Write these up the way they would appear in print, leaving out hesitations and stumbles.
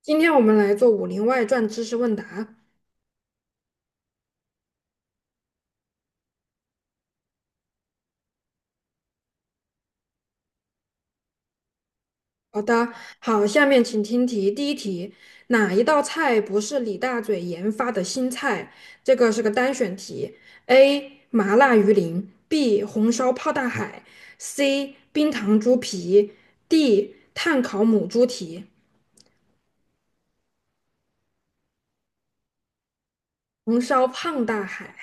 今天我们来做《武林外传》知识问答。好的，好，下面请听题。第一题，哪一道菜不是李大嘴研发的新菜？这个是个单选题。A. 麻辣鱼鳞，B. 红烧泡大海，C. 冰糖猪皮，D. 炭烤母猪蹄，红烧胖大海。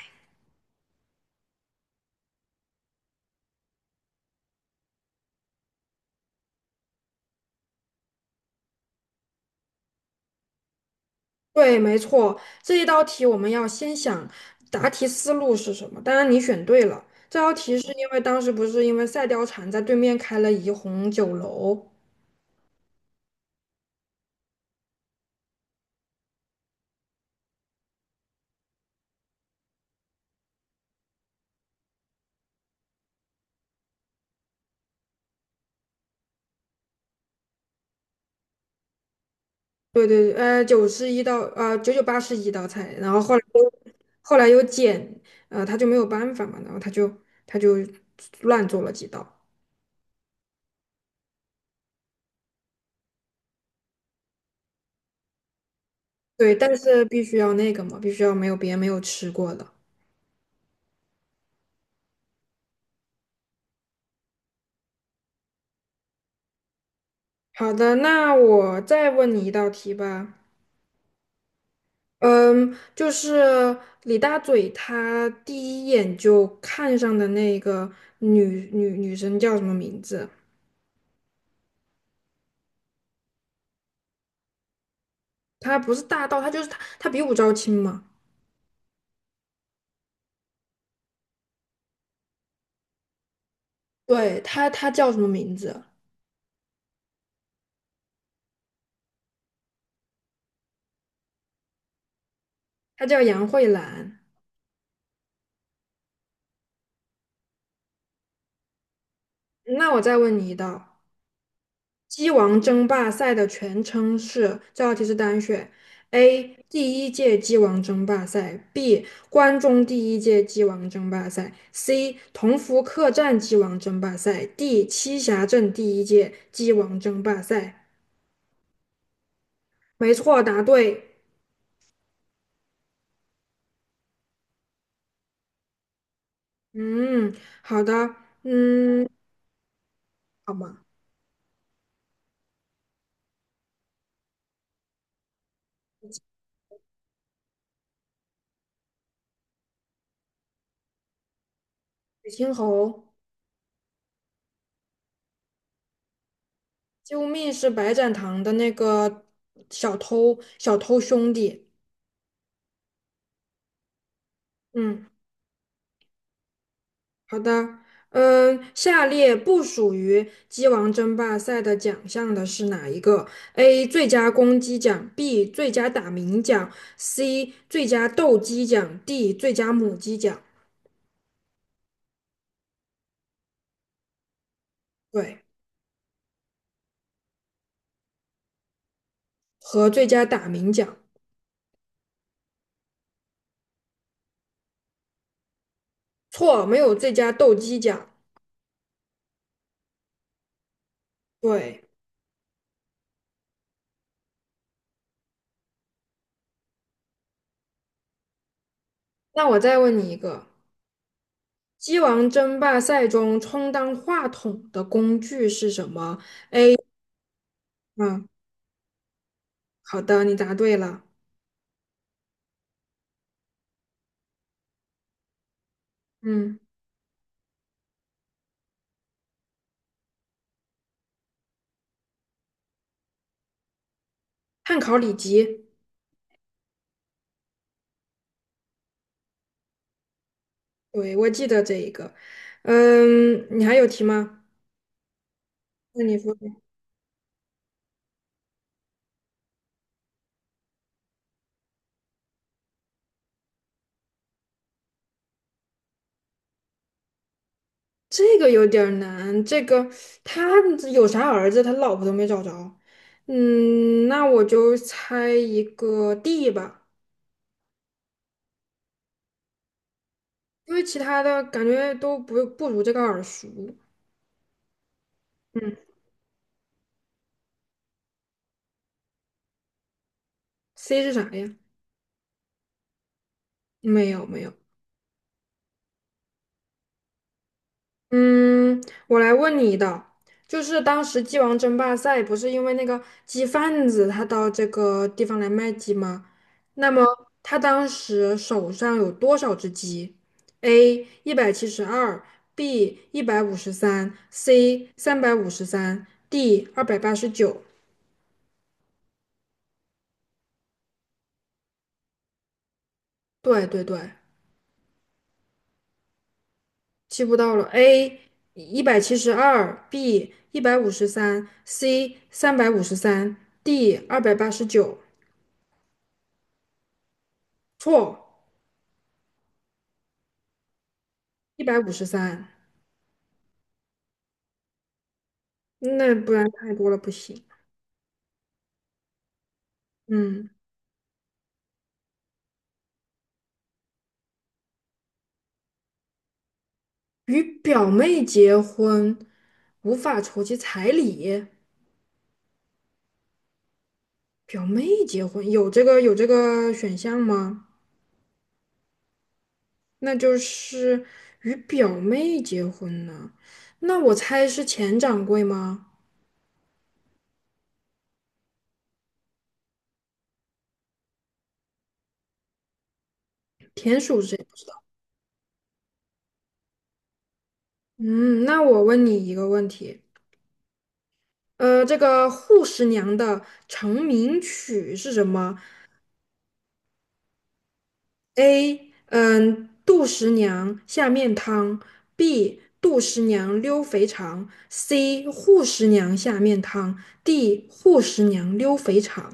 对，没错，这一道题我们要先想答题思路是什么。当然你选对了，这道题是因为当时不是因为赛貂蝉在对面开了怡红酒楼，对对，九十一道，九九八十一道菜，然后后来又减，他就没有办法嘛，然后他就乱做了几道。对，但是必须要那个嘛，必须要没有别人没有吃过的。好的，那我再问你一道题吧。嗯，就是李大嘴他第一眼就看上的那个女生叫什么名字？她不是大盗，她就是她，她比武招亲嘛。对，她叫什么名字？她叫杨慧兰。那我再问你一道。鸡王争霸赛的全称是，这道题是单选：A. 第一届鸡王争霸赛；B. 关中第一届鸡王争霸赛；C. 同福客栈鸡王争霸赛；D. 栖霞镇第一届鸡王争霸赛。没错，答对。嗯，好的，嗯，好嘛。水青侯，救命是白展堂的那个小偷，小偷兄弟。嗯。好的，嗯，下列不属于鸡王争霸赛的奖项的是哪一个？A. 最佳公鸡奖，B. 最佳打鸣奖，C. 最佳斗鸡奖，D. 最佳母鸡奖。对，和最佳打鸣奖。错，没有最佳斗鸡奖。对，那我再问你一个，鸡王争霸赛中充当话筒的工具是什么？嗯，好的，你答对了。嗯，汉考里脊。对，我记得这一个。嗯，你还有题吗？那你说这个有点儿难，这个他有啥儿子，他老婆都没找着。嗯，那我就猜一个 D 吧，因为其他的感觉都不如这个耳熟。嗯，C 是啥呀？没有没有。嗯，我来问你的，就是当时鸡王争霸赛不是因为那个鸡贩子他到这个地方来卖鸡吗？那么他当时手上有多少只鸡？A 一百七十二，B 一百五十三，C 三百五十三，D 二百八十九。对对对，记不到了，A 一百七十二，B 一百五十三，C 三百五十三，D 二百八十九。错。一百五十三，那不然太多了不行。嗯，与表妹结婚无法筹集彩礼，表妹结婚有这个选项吗？那就是与表妹结婚呢，那我猜是钱掌柜吗？田鼠是谁？嗯，那我问你一个问题，这个《护十娘》的成名曲是什么？A，嗯，杜十娘下面汤；B，杜十娘溜肥肠；C，扈十娘下面汤；D，扈十娘溜肥肠。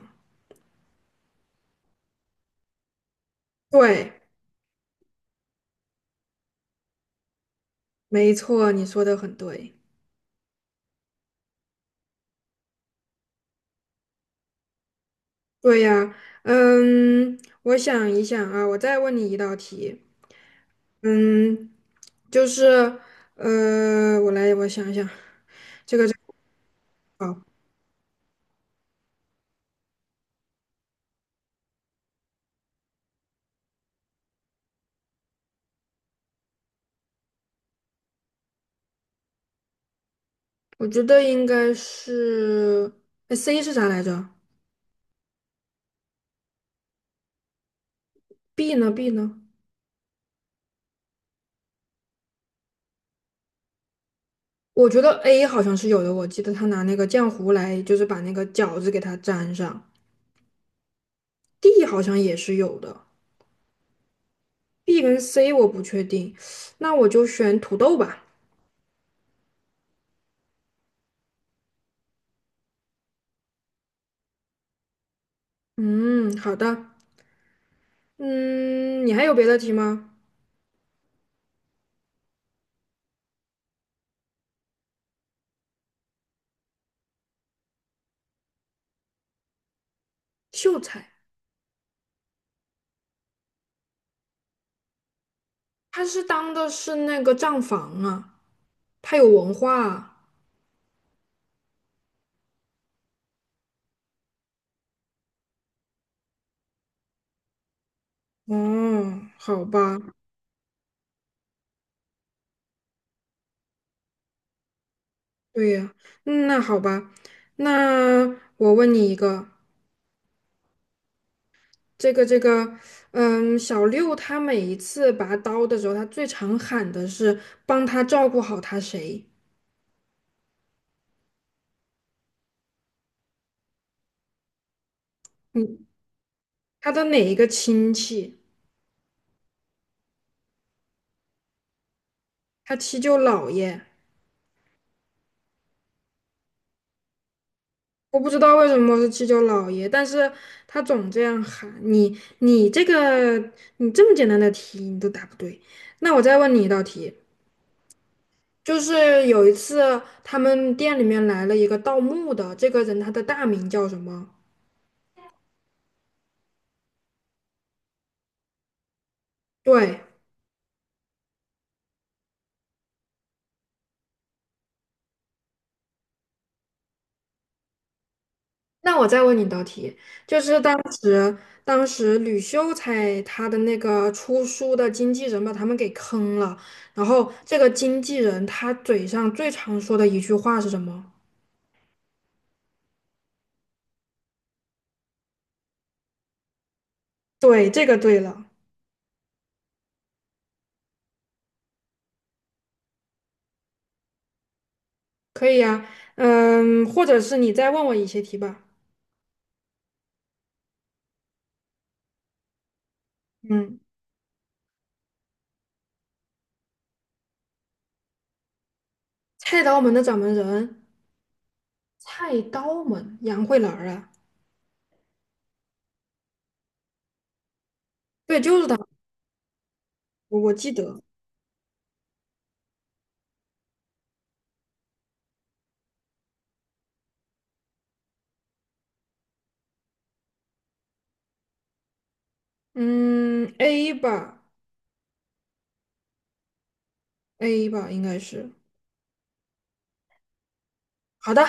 对，没错，你说的很对。对呀，嗯，我想一想啊，我再问你一道题，嗯，就是，我来，我想一想，好，我觉得应该是，哎，C 是啥来着？B 呢？B 呢？我觉得 A 好像是有的，我记得他拿那个浆糊来，就是把那个饺子给它粘上。D 好像也是有的，B 跟 C 我不确定，那我就选土豆吧。嗯，好的。嗯，你还有别的题吗？秀才，他是当的是那个账房啊，他有文化啊。哦，好吧，对呀，嗯那好吧，那我问你一个。这个这个，嗯，小六他每一次拔刀的时候，他最常喊的是帮他照顾好他谁，嗯，他的哪一个亲戚，他七舅姥爷，我不知道为什么是七舅姥爷，但是他总这样喊你，你这个你这么简单的题你都答不对，那我再问你一道题，就是有一次他们店里面来了一个盗墓的，这个人他的大名叫什么？对。那我再问你一道题，就是当时吕秀才他的那个出书的经纪人把他们给坑了，然后这个经纪人他嘴上最常说的一句话是什么？对，这个对了，可以呀，嗯，或者是你再问我一些题吧。嗯，菜刀门的掌门人，菜刀门杨慧兰儿啊，对，就是他，我记得，嗯，A 吧，A 吧，应该是，好的。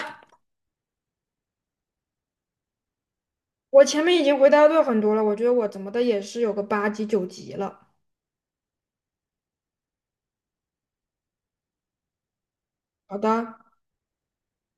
我前面已经回答对很多了，我觉得我怎么的也是有个8级9级了。好的。